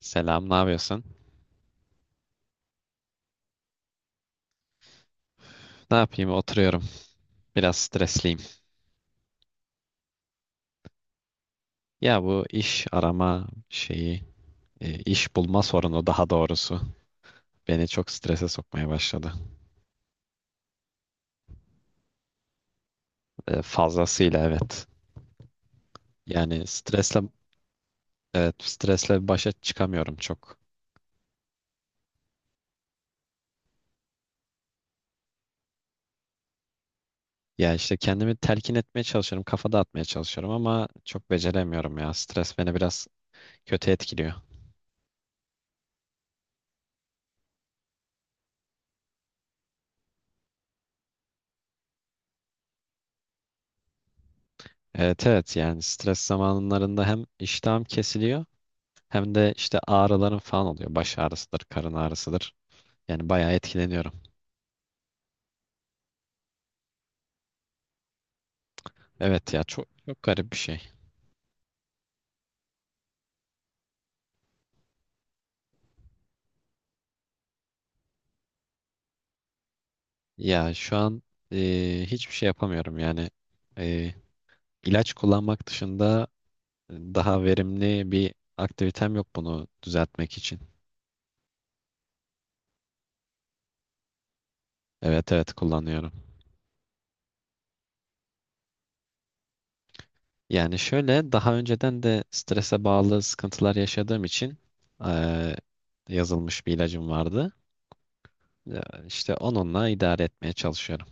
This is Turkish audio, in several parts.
Selam, ne yapıyorsun? Ne yapayım? Oturuyorum. Biraz stresliyim. Ya bu iş arama iş bulma sorunu daha doğrusu beni çok strese sokmaya başladı. Fazlasıyla evet. Yani stresle Evet, stresle başa çıkamıyorum çok. Ya işte kendimi telkin etmeye çalışıyorum, kafa dağıtmaya çalışıyorum ama çok beceremiyorum ya. Stres beni biraz kötü etkiliyor. Evet evet, yani stres zamanlarında hem iştahım kesiliyor hem de işte ağrılarım falan oluyor. Baş ağrısıdır, karın ağrısıdır. Yani bayağı etkileniyorum. Evet ya, çok çok garip bir şey. Ya şu an hiçbir şey yapamıyorum yani. E, ilaç kullanmak dışında daha verimli bir aktivitem yok bunu düzeltmek için. Evet evet, kullanıyorum. Yani şöyle, daha önceden de strese bağlı sıkıntılar yaşadığım için e, yazılmış bir ilacım vardı. Ya, işte onunla idare etmeye çalışıyorum.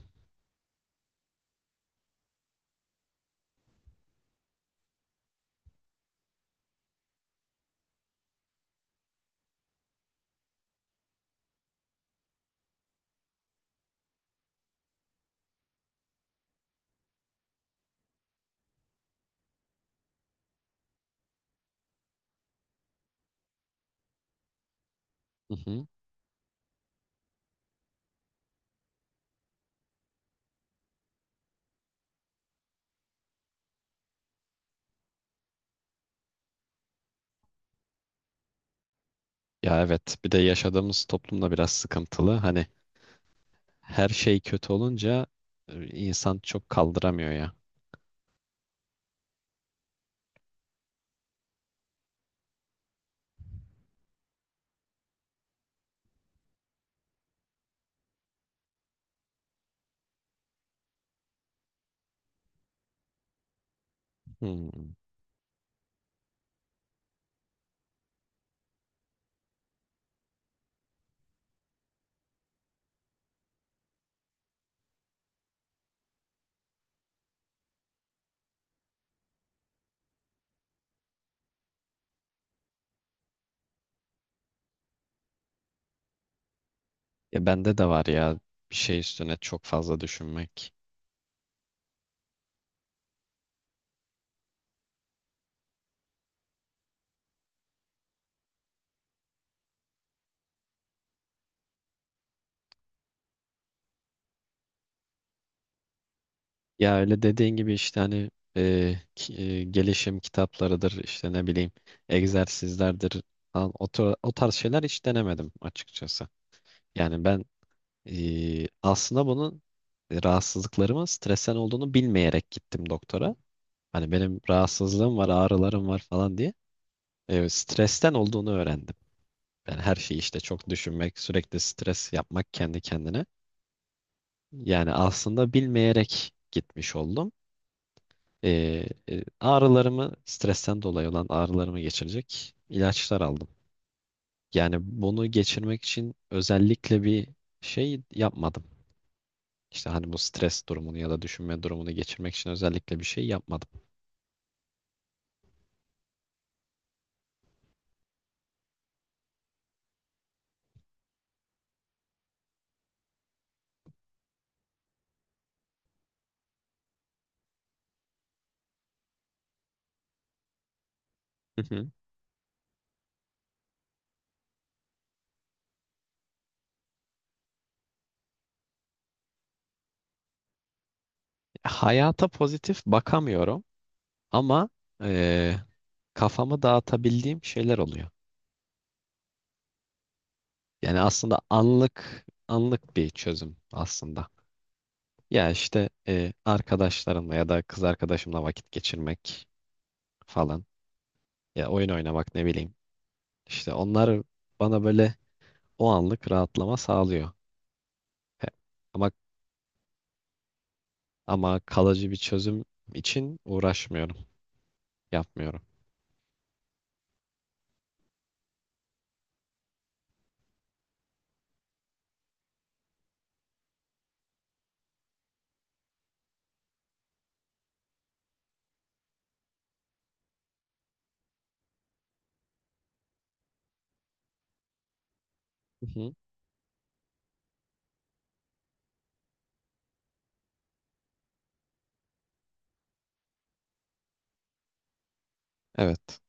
Hı hı. Ya evet, bir de yaşadığımız toplumda biraz sıkıntılı. Hani her şey kötü olunca insan çok kaldıramıyor ya. Hmm. Ya bende de var ya, bir şey üstüne çok fazla düşünmek. Ya öyle dediğin gibi işte hani, gelişim kitaplarıdır, işte ne bileyim egzersizlerdir falan, o tarz şeyler hiç denemedim açıkçası. Yani ben aslında rahatsızlıklarımın stresen olduğunu bilmeyerek gittim doktora. Hani benim rahatsızlığım var, ağrılarım var falan diye stresten olduğunu öğrendim. Yani her şeyi işte çok düşünmek, sürekli stres yapmak kendi kendine. Yani aslında bilmeyerek gitmiş oldum. Ee, Ağrılarımı, stresten dolayı olan ağrılarımı geçirecek ilaçlar aldım. Yani bunu geçirmek için özellikle bir şey yapmadım. İşte hani bu stres durumunu ya da düşünme durumunu geçirmek için özellikle bir şey yapmadım. Hayata pozitif bakamıyorum ama eee, kafamı dağıtabildiğim şeyler oluyor. Yani aslında anlık anlık bir çözüm aslında. Ya işte arkadaşlarımla ya da kız arkadaşımla vakit geçirmek falan. Ya oyun oynamak, ne bileyim. İşte onlar bana böyle o anlık rahatlama sağlıyor. E, Ama ama kalıcı bir çözüm için uğraşmıyorum, yapmıyorum. Hı hı, evet.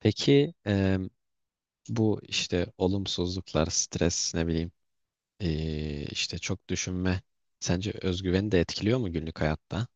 Peki, bu işte olumsuzluklar, stres, ne bileyim, işte çok düşünme. Sence özgüveni de etkiliyor mu günlük hayatta?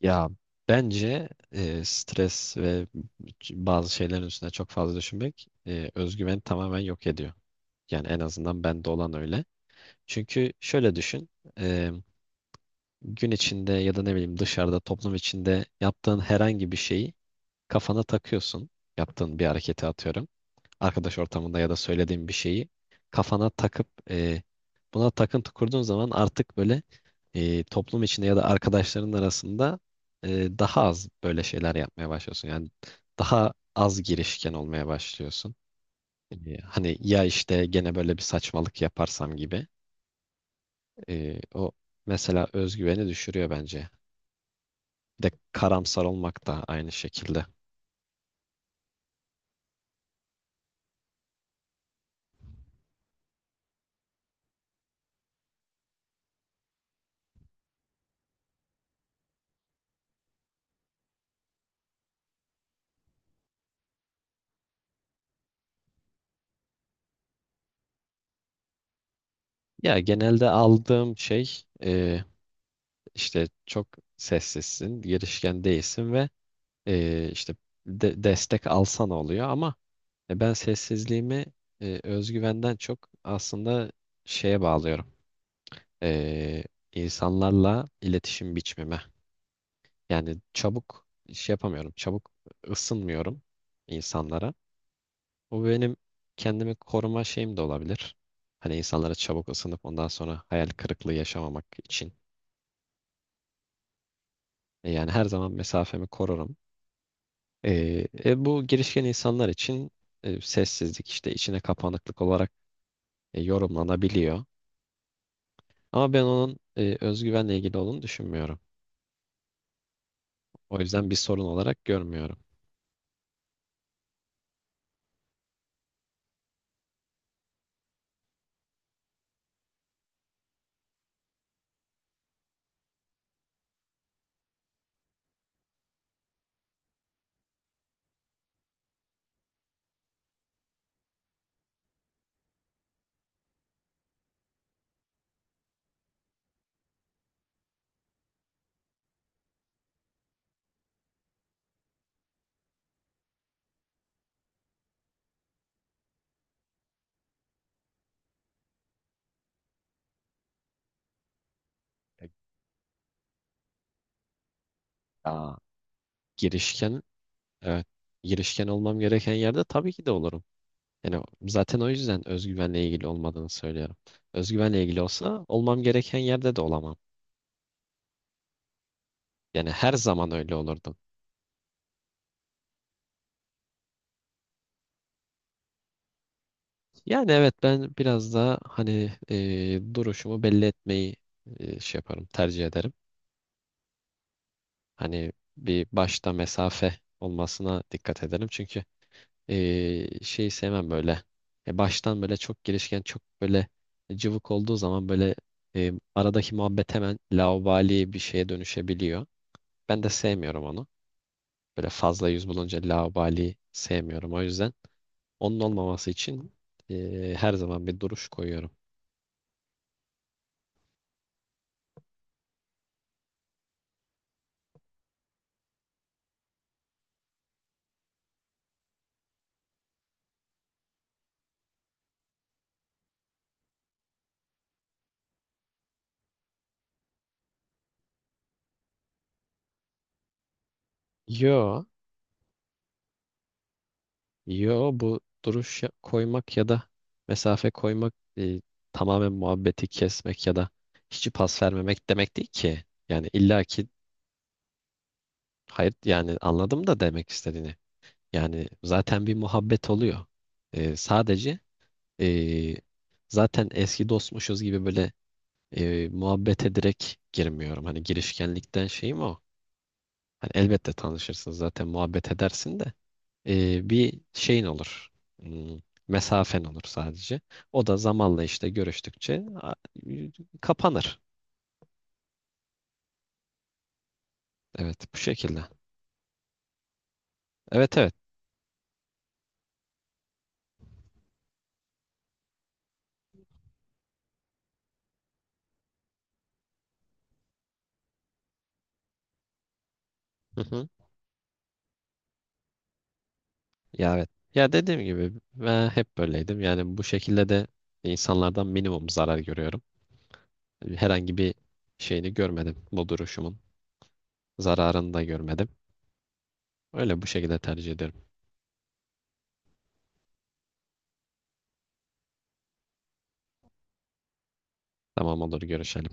Ya bence stres ve bazı şeylerin üstüne çok fazla düşünmek özgüveni tamamen yok ediyor. Yani en azından bende olan öyle. Çünkü şöyle düşün, eee, gün içinde ya da ne bileyim dışarıda, toplum içinde yaptığın herhangi bir şeyi kafana takıyorsun. Yaptığın bir hareketi atıyorum, arkadaş ortamında ya da söylediğin bir şeyi kafana takıp buna takıntı kurduğun zaman artık böyle, toplum içinde ya da arkadaşların arasında daha az böyle şeyler yapmaya başlıyorsun. Yani daha az girişken olmaya başlıyorsun. Hani ya, işte gene böyle bir saçmalık yaparsam gibi. O mesela özgüveni düşürüyor bence. Bir de karamsar olmak da aynı şekilde. Ya genelde aldığım şey işte çok sessizsin, girişken değilsin ve e, işte de- destek alsan oluyor, ama ben sessizliğimi özgüvenden çok aslında şeye bağlıyorum. E, insanlarla iletişim biçmeme. Yani çabuk iş yapamıyorum, çabuk ısınmıyorum insanlara. Bu benim kendimi koruma şeyim de olabilir. Hani insanlara çabuk ısınıp ondan sonra hayal kırıklığı yaşamamak için. Yani her zaman mesafemi korurum. Bu girişken insanlar için sessizlik, işte içine kapanıklık olarak yorumlanabiliyor. Ama ben onun özgüvenle ilgili olduğunu düşünmüyorum. O yüzden bir sorun olarak görmüyorum. Aa, girişken, evet, girişken olmam gereken yerde tabii ki de olurum. Yani zaten o yüzden özgüvenle ilgili olmadığını söylüyorum. Özgüvenle ilgili olsa olmam gereken yerde de olamam. Yani her zaman öyle olurdum. Yani evet, ben biraz daha hani duruşumu belli etmeyi şey yaparım, tercih ederim. Hani bir başta mesafe olmasına dikkat ederim. Çünkü şeyi sevmem böyle. Baştan böyle çok girişken, çok böyle cıvık olduğu zaman böyle aradaki muhabbet hemen laubali bir şeye dönüşebiliyor. Ben de sevmiyorum onu. Böyle fazla yüz bulunca laubali sevmiyorum. O yüzden onun olmaması için her zaman bir duruş koyuyorum. Yo. Yo, koymak ya da mesafe koymak tamamen muhabbeti kesmek ya da hiç pas vermemek demek değil ki. Yani illaki, hayır, yani anladım da demek istediğini. Yani zaten bir muhabbet oluyor. Sadece e, zaten eski dostmuşuz gibi böyle muhabbete direkt girmiyorum. Hani girişkenlikten şeyim o. Hani elbette tanışırsın, zaten muhabbet edersin de, bir şeyin olur. Hmm, mesafen olur sadece. O da zamanla, işte görüştükçe kapanır. Evet, bu şekilde. Evet evet. Hı hı. Ya evet. Ya dediğim gibi, ben hep böyleydim. Yani bu şekilde de insanlardan minimum zarar görüyorum. Herhangi bir şeyini görmedim. Bu duruşumun zararını da görmedim. Öyle, bu şekilde tercih ederim. Tamam, olur, görüşelim.